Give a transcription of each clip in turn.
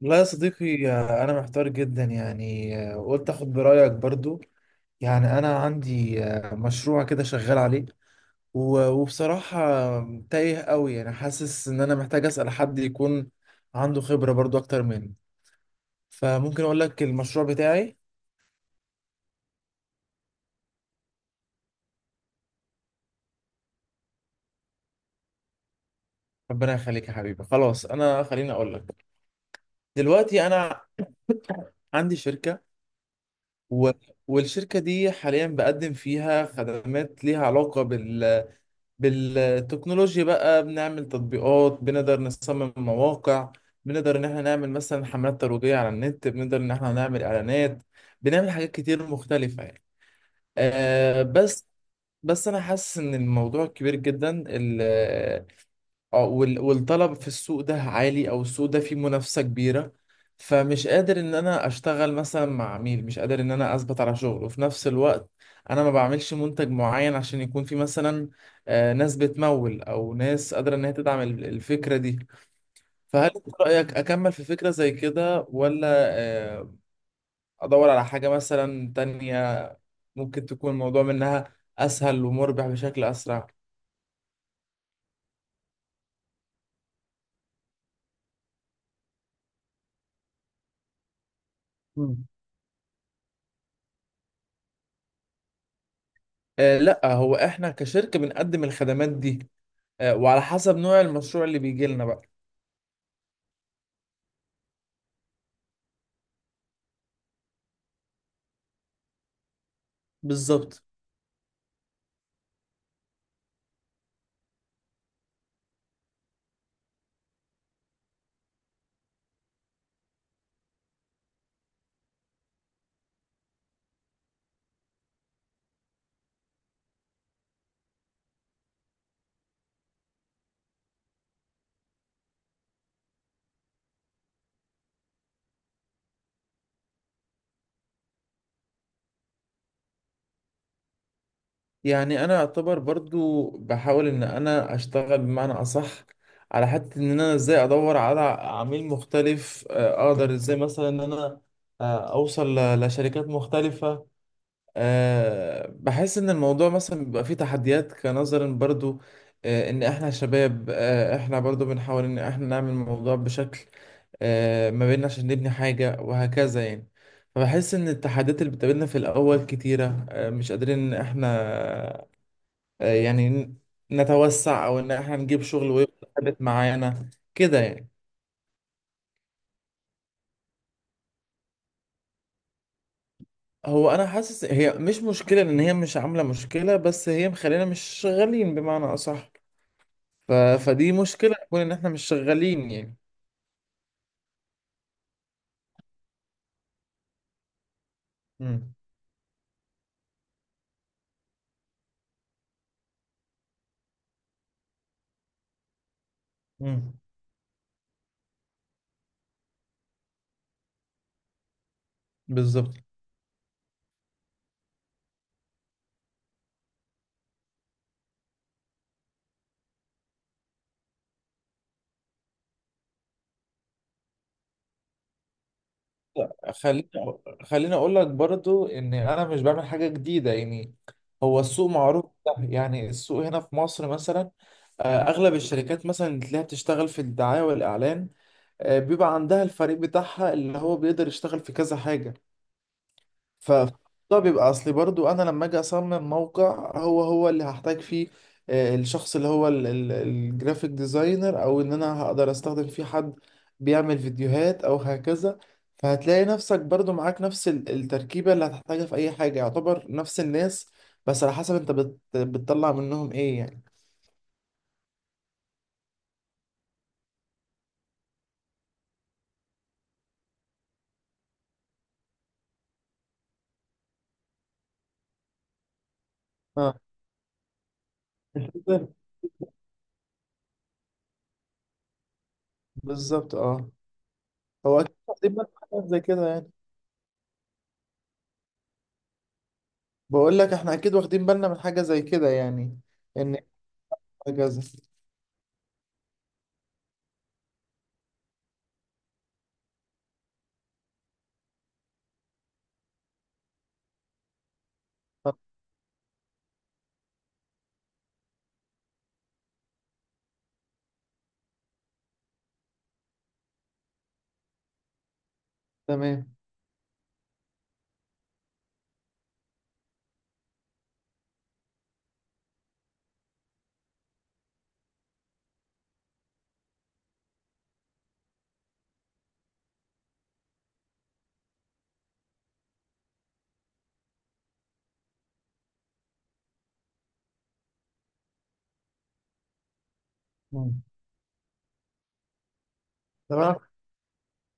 لا يا صديقي، أنا محتار جدا، يعني قلت أخد برأيك برضو. يعني أنا عندي مشروع كده شغال عليه. و- وبصراحة تايه قوي، يعني حاسس إن أنا محتاج أسأل حد يكون عنده خبرة برضو أكتر مني. فممكن أقول لك المشروع بتاعي. ربنا يخليك يا حبيبي، خلاص أنا خليني أقول لك. دلوقتي أنا عندي شركة. و... والشركة دي حاليا بقدم فيها خدمات ليها علاقة بالتكنولوجيا، بقى بنعمل تطبيقات، بنقدر نصمم مواقع، بنقدر ان احنا نعمل مثلا حملات ترويجية على النت، بنقدر ان احنا نعمل اعلانات، بنعمل حاجات كتير مختلفة يعني. بس، انا حاسس ان الموضوع كبير جدا، ال- اه وال- والطلب في السوق ده عالي، او السوق ده فيه منافسة كبيرة. فمش قادر ان انا اشتغل مثلا مع عميل، مش قادر ان انا اثبت على شغل، وفي نفس الوقت انا ما بعملش منتج معين عشان يكون في مثلا ناس بتمول او ناس قادرة ان هي تدعم الفكرة دي. فهل انت رأيك اكمل في فكرة زي كده، ولا آه، ادور على حاجة مثلا تانية ممكن تكون الموضوع منها اسهل ومربح بشكل اسرع؟ مم. لا، هو احنا كشركة بنقدم الخدمات دي، وعلى حسب نوع المشروع اللي بيجي لنا بقى. بالظبط. يعني انا اعتبر برضو بحاول ان انا اشتغل بمعنى اصح، على حتة ان انا ازاي ادور على عميل مختلف. اقدر ازاي مثلا ان انا اوصل لشركات مختلفة. بحس ان الموضوع مثلا بيبقى فيه تحديات، كنظرا برضو ان احنا شباب، احنا برضو بنحاول ان احنا نعمل الموضوع بشكل ما بيننا، عشان نبني حاجة وهكذا يعني. فبحس ان التحديات اللي بتقابلنا في الاول كتيرة، مش قادرين ان احنا أه يعني ن- نتوسع او ان احنا نجيب شغل ويبقى ثابت معانا كده يعني. هو انا حاسس هي مش مشكلة، ان هي مش عاملة مشكلة، بس هي مخلينا مش شغالين بمعنى اصح. ف... فدي مشكلة تكون إن إحنا مش شغالين يعني. امم امم بالظبط. لا، خليني أقول لك برضو إن أنا مش بعمل حاجة جديدة يعني. هو السوق معروف ده، يعني السوق هنا في مصر مثلا أغلب الشركات مثلا اللي تلاقيها بتشتغل في الدعاية والإعلان، بيبقى عندها الفريق بتاعها اللي هو بيقدر يشتغل في كذا حاجة. ف ده بيبقى اصلي برضو، انا لما اجي اصمم موقع، هو اللي هحتاج فيه الشخص اللي هو الجرافيك ديزاينر، او ان انا هقدر استخدم فيه حد بيعمل فيديوهات او هكذا. فهتلاقي نفسك برضو معاك نفس التركيبة اللي هتحتاجها في اي حاجة، يعتبر نفس الناس، بس على حسب انت بتطلع منهم ايه يعني. اه، أنت بتقدر- بالظبط، اه. هو اكيد واخدين بالنا من حاجة زي كده يعني. بقول لك احنا اكيد واخدين بالنا من حاجة زي كده يعني. ان هكذا. تمام. مم. طب انا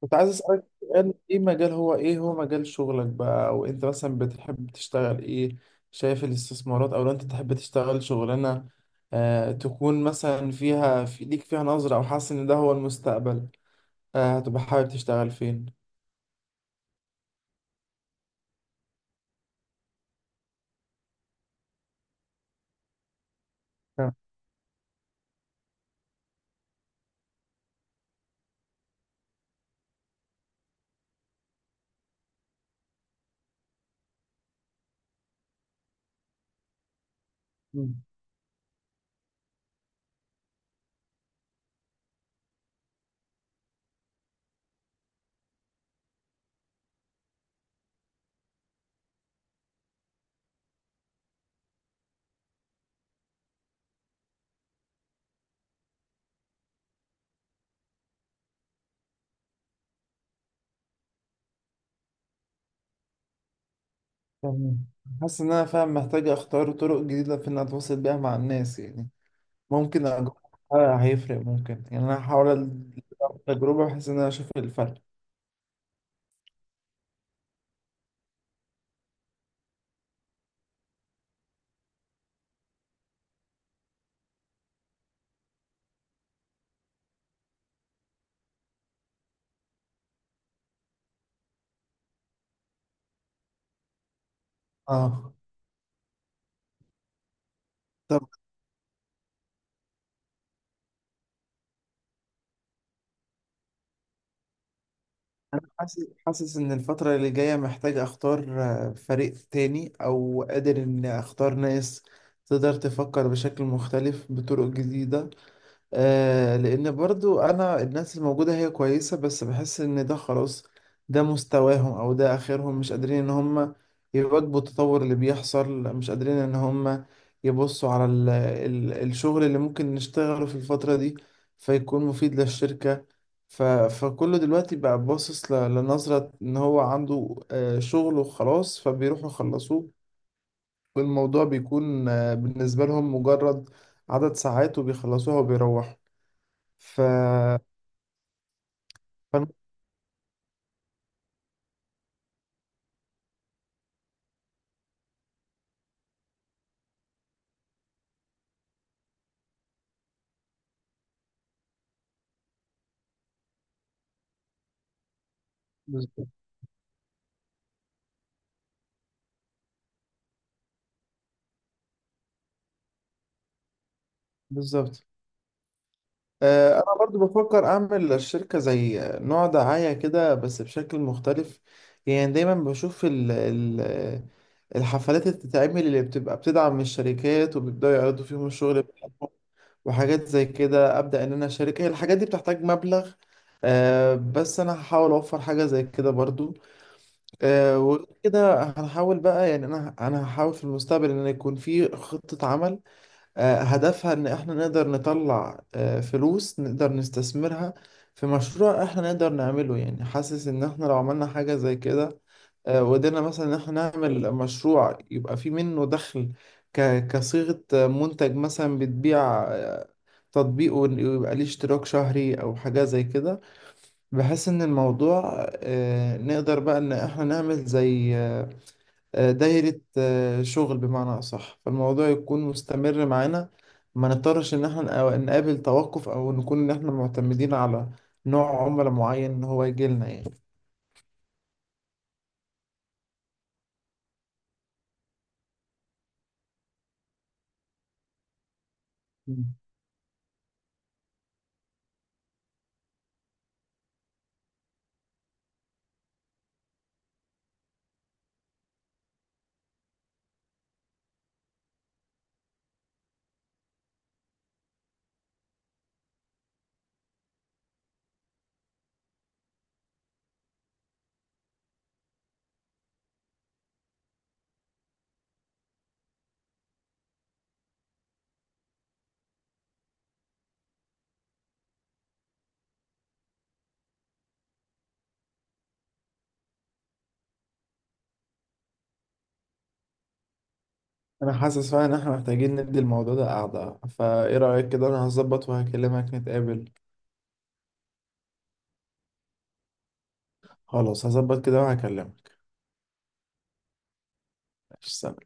كنت عايز اسالك سؤال. ايه مجال، هو ايه هو مجال شغلك بقى، وانت مثلا بتحب تشتغل ايه؟ شايف الاستثمارات؟ او لو انت تحب تشتغل شغلانه تكون مثلا فيها، في ليك فيها نظره، او حاسس ان ده هو المستقبل، هتبقى حابب تشتغل فين؟ تمام. مم. تمام. حاسس ان انا فاهم، محتاج اختار طرق جديده في ان اتواصل بيها مع الناس يعني. ممكن أجرب حاجة هيفرق، ممكن يعني انا هحاول التجربه بحيث ان انا اشوف الفرق. اه. طب انا حاسس حاسس ان الفتره اللي جايه محتاج اختار فريق تاني، او قادر اني اختار ناس تقدر تفكر بشكل مختلف بطرق جديده. لان برضو انا الناس الموجودة هي كويسة، بس بحس ان ده خلاص، ده مستواهم او ده اخرهم، مش قادرين ان هم يواكبوا التطور اللي بيحصل، مش قادرين ان هم يبصوا على ال ال الشغل اللي ممكن نشتغله في الفترة دي فيكون مفيد للشركة. ف فكله دلوقتي بقى باصص لنظرة ان هو عنده شغل وخلاص، فبيروحوا يخلصوه، والموضوع بيكون بالنسبة لهم مجرد عدد ساعات وبيخلصوها وبيروحوا. ف فأنا- بالظبط. انا برضو بفكر اعمل للشركه زي نوع دعايه كده، بس بشكل مختلف. يعني دايما بشوف ال ال الحفلات اللي بتتعمل، اللي بتبقى بتدعم الشركات وبيبداوا يعرضوا فيهم الشغل بتاعهم وحاجات زي كده. ابدا ان انا اشارك، هي الحاجات دي بتحتاج مبلغ بس انا هحاول اوفر حاجه زي كده برضو. وكده هنحاول بقى، يعني انا هحاول في المستقبل ان يكون في خطه عمل هدفها إن إحنا نقدر نطلع فلوس نقدر نستثمرها في مشروع إحنا نقدر نعمله. يعني حاسس إن إحنا لو عملنا حاجة زي كده وقدرنا مثلا إن إحنا نعمل مشروع يبقى فيه منه دخل، كصيغة منتج مثلا بتبيع، آه، تطبيق ويبقى ليه اشتراك شهري أو حاجة زي كده، بحيث إن الموضوع نقدر بقى إن إحنا نعمل زي دايرة شغل بمعنى أصح، فالموضوع يكون مستمر معانا، ما نضطرش إن احنا نقابل توقف، أو نكون إن احنا معتمدين على نوع عملاء معين إن هو يجي لنا يعني. مم. أنا حاسس فعلا إن احنا محتاجين ندي الموضوع ده قعدة. فإيه رأيك كده؟ أنا هظبط وهكلمك نتقابل. خلاص، هظبط كده وهكلمك. سلام.